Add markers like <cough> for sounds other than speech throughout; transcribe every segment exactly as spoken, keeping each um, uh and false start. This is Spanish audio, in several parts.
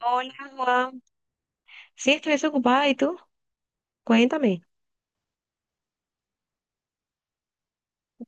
Hola, Juan. Sí, estoy desocupada. ¿Y tú? Cuéntame.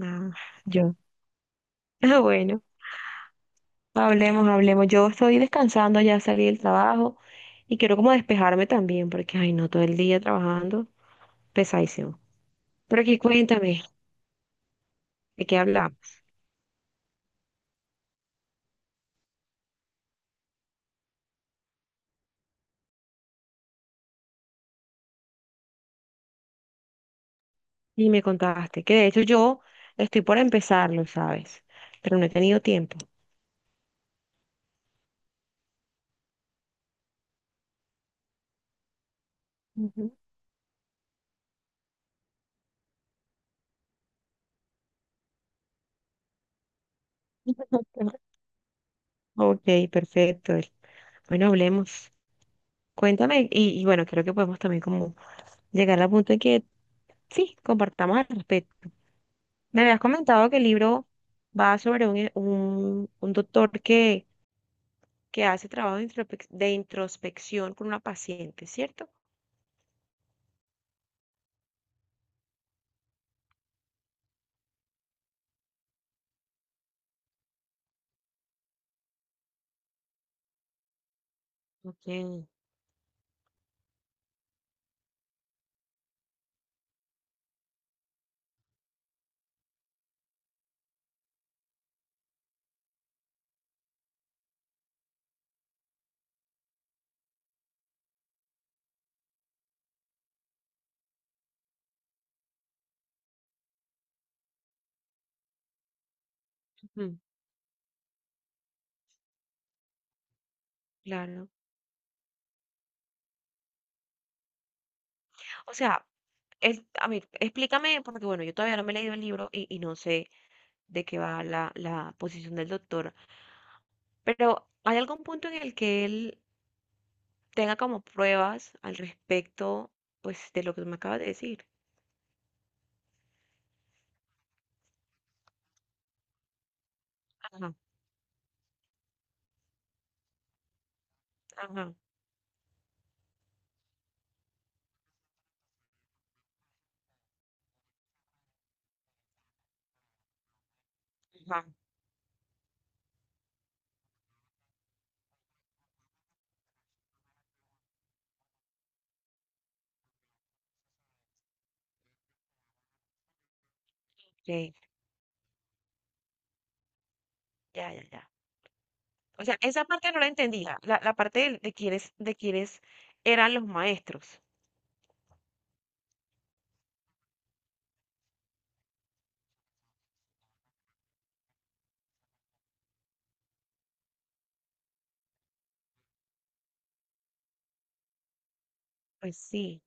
Ah, yo. <laughs> Ah, bueno, hablemos, hablemos. Yo estoy descansando, ya salí del trabajo y quiero como despejarme también porque, ay, no, todo el día trabajando, pesadísimo. Pero aquí cuéntame, ¿de qué hablamos? Y me contaste que de hecho yo estoy por empezarlo, ¿sabes? Pero no he tenido tiempo. Ujú. <laughs> Ok, perfecto. Bueno, hablemos. Cuéntame, y, y bueno, creo que podemos también como llegar al punto en que sí, compartamos al respecto. Me habías comentado que el libro va sobre un, un, un doctor que, que hace trabajo de, introspec- de introspección con una paciente, ¿cierto? Ok, ujú, claro. O sea, es, a ver, explícame, porque bueno, yo todavía no me he leído el libro y, y no sé de qué va la, la posición del doctor. Pero ¿hay algún punto en el que él tenga como pruebas al respecto, pues, de lo que me acabas de decir? Ajá, ajá, ajá, sí, ya, ya, ya. O sea, esa parte no la entendía, la, la parte del- de, quiénes, de quiénes eran los maestros. Pues sí.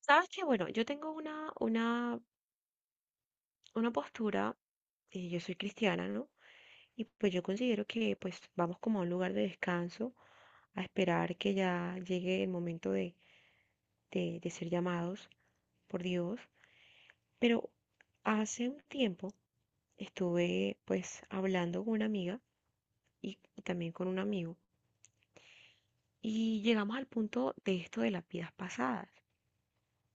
¿Sabes que bueno, yo tengo una, una, una postura, y yo soy cristiana, ¿no? Y pues yo considero que pues vamos como a un lugar de descanso a esperar que ya llegue el momento de, de, de ser llamados por Dios. Pero hace un tiempo estuve pues hablando con una amiga y también con un amigo y llegamos al punto de esto de las vidas pasadas.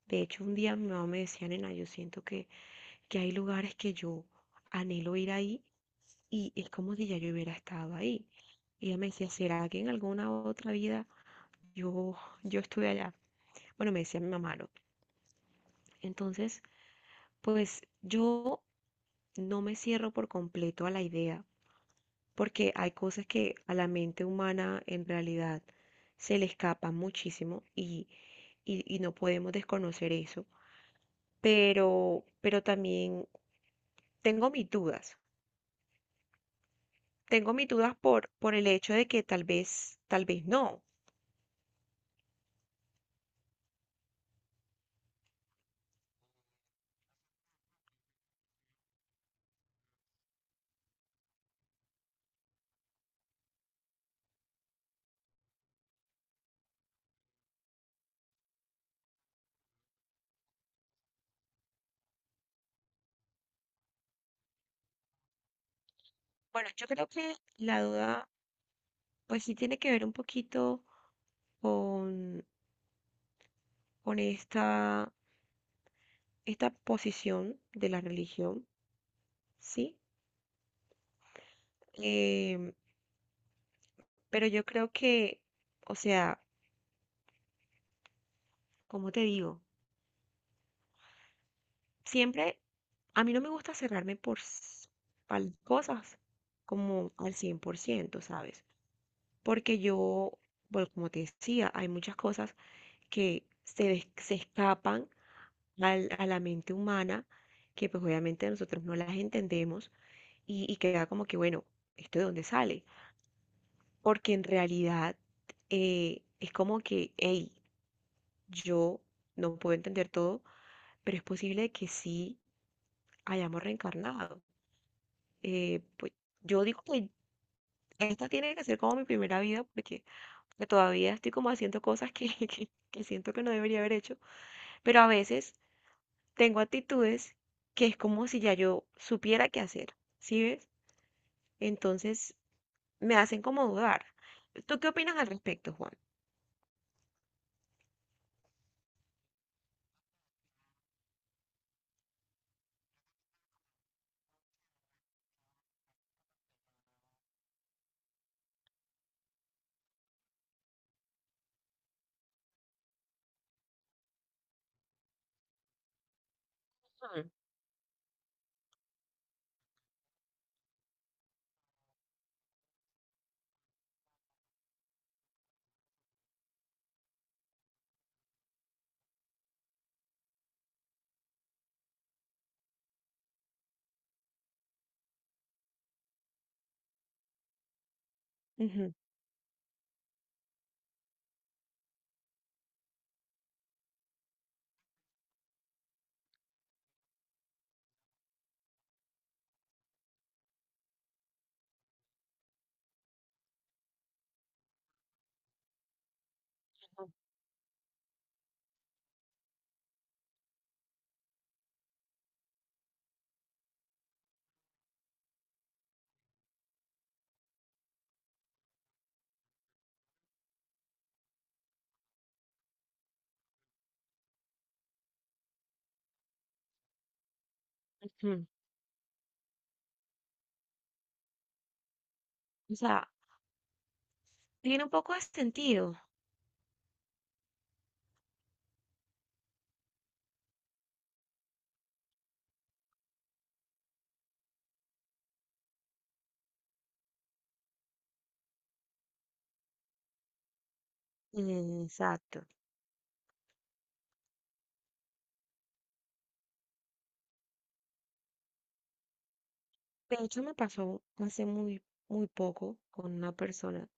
De hecho, un día mi mamá me decía, nena, yo siento que, que hay lugares que yo anhelo ir ahí y es como si ya yo hubiera estado ahí. Y ella me decía, ¿será que en alguna otra vida yo, yo estuve allá? Bueno, me decía mi mamá, ¿no? Entonces, pues yo no me cierro por completo a la idea, porque hay cosas que a la mente humana en realidad se le escapan muchísimo y, y, y no podemos desconocer eso. Pero, pero también tengo mis dudas. Tengo mis dudas por, por el hecho de que tal vez, tal vez no. Bueno, yo creo que la duda, pues sí tiene que ver un poquito con, con esta esta posición de la religión, ¿sí? Em, pero yo creo que, o sea, como te digo, siempre, a mí no me gusta cerrarme por, s- pal- cosas como al cien por ciento, ¿sabes? Porque yo, bueno, como te decía, hay muchas cosas que se, es- se escapan al- a la mente humana, que pues obviamente nosotros no las entendemos y, y queda como que, bueno, ¿esto de dónde sale? Porque en realidad eh, es como que, hey, yo no puedo entender todo, pero es posible que sí hayamos reencarnado. Eh, pues yo digo que esta tiene que ser como mi primera vida porque todavía estoy como haciendo cosas que, <laughs> que, que siento que no debería haber hecho, pero a veces tengo actitudes que es como si ya yo supiera qué hacer, ¿sí ves? Entonces me hacen como dudar. ¿Tú qué opinas al respecto, Juan? Ujú, ujú. O sea, tiene un poco de sentido. Mm, exacto. De hecho, me pasó hace muy, muy poco con una persona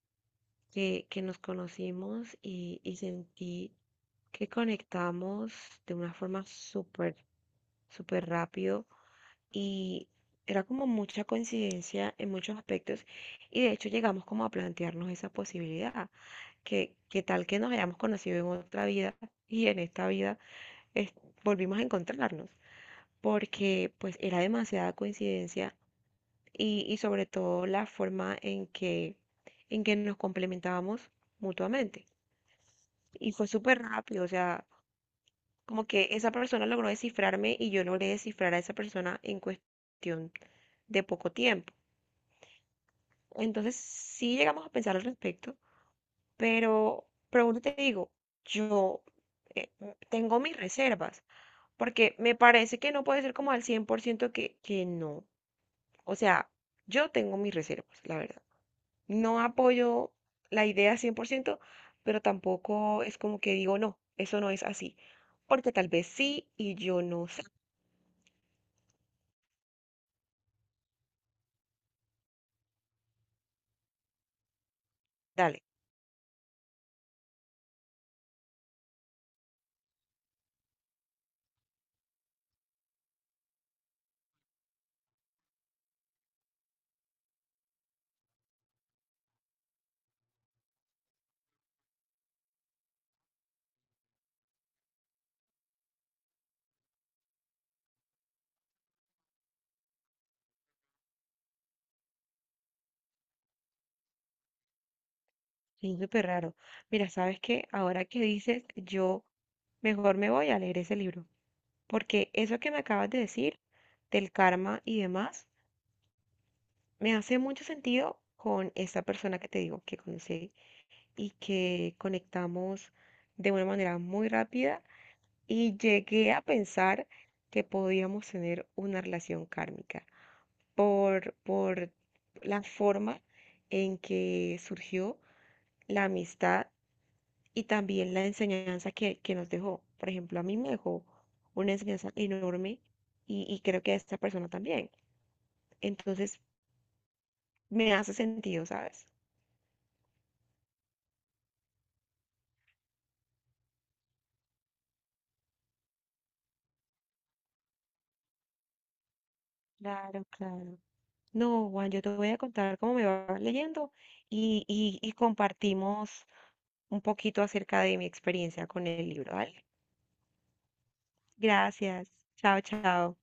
que, que nos conocimos y, y sentí que conectamos de una forma súper, súper rápido y era como mucha coincidencia en muchos aspectos y de hecho llegamos como a plantearnos esa posibilidad, que, que tal que nos hayamos conocido en otra vida y en esta vida es- volvimos a encontrarnos. Porque pues era demasiada coincidencia y, y sobre todo la forma en que, en que nos complementábamos mutuamente. Y fue súper rápido, o sea, como que esa persona logró descifrarme y yo logré descifrar a esa persona en cuestión de poco tiempo. Entonces sí llegamos a pensar al respecto, pero, pero vuelvo te digo, yo eh, tengo mis reservas, porque me parece que no puede ser como al cien por ciento que, que no. O sea, yo tengo mis reservas, la verdad. No apoyo la idea cien por ciento, pero tampoco es como que digo, no, eso no es así. Porque tal vez sí y yo no sé. Dale, es súper raro. Mira, ¿sabes qué? Ahora que dices, yo mejor me voy a leer ese libro. Porque eso que me acabas de decir, del karma y demás, me hace mucho sentido con esta persona que te digo que conocí y que conectamos de una manera muy rápida y llegué a pensar que podíamos tener una relación kármica por, por la forma en que surgió la amistad y también la enseñanza que, que nos dejó. Por ejemplo, a mí me dejó una enseñanza enorme y, y creo que a esta persona también. Entonces, me hace sentido, ¿sabes? Claro, claro. No, Juan, yo te voy a contar cómo me va leyendo y, y, y compartimos un poquito acerca de mi experiencia con el libro, ¿vale? Gracias. Chao, chao.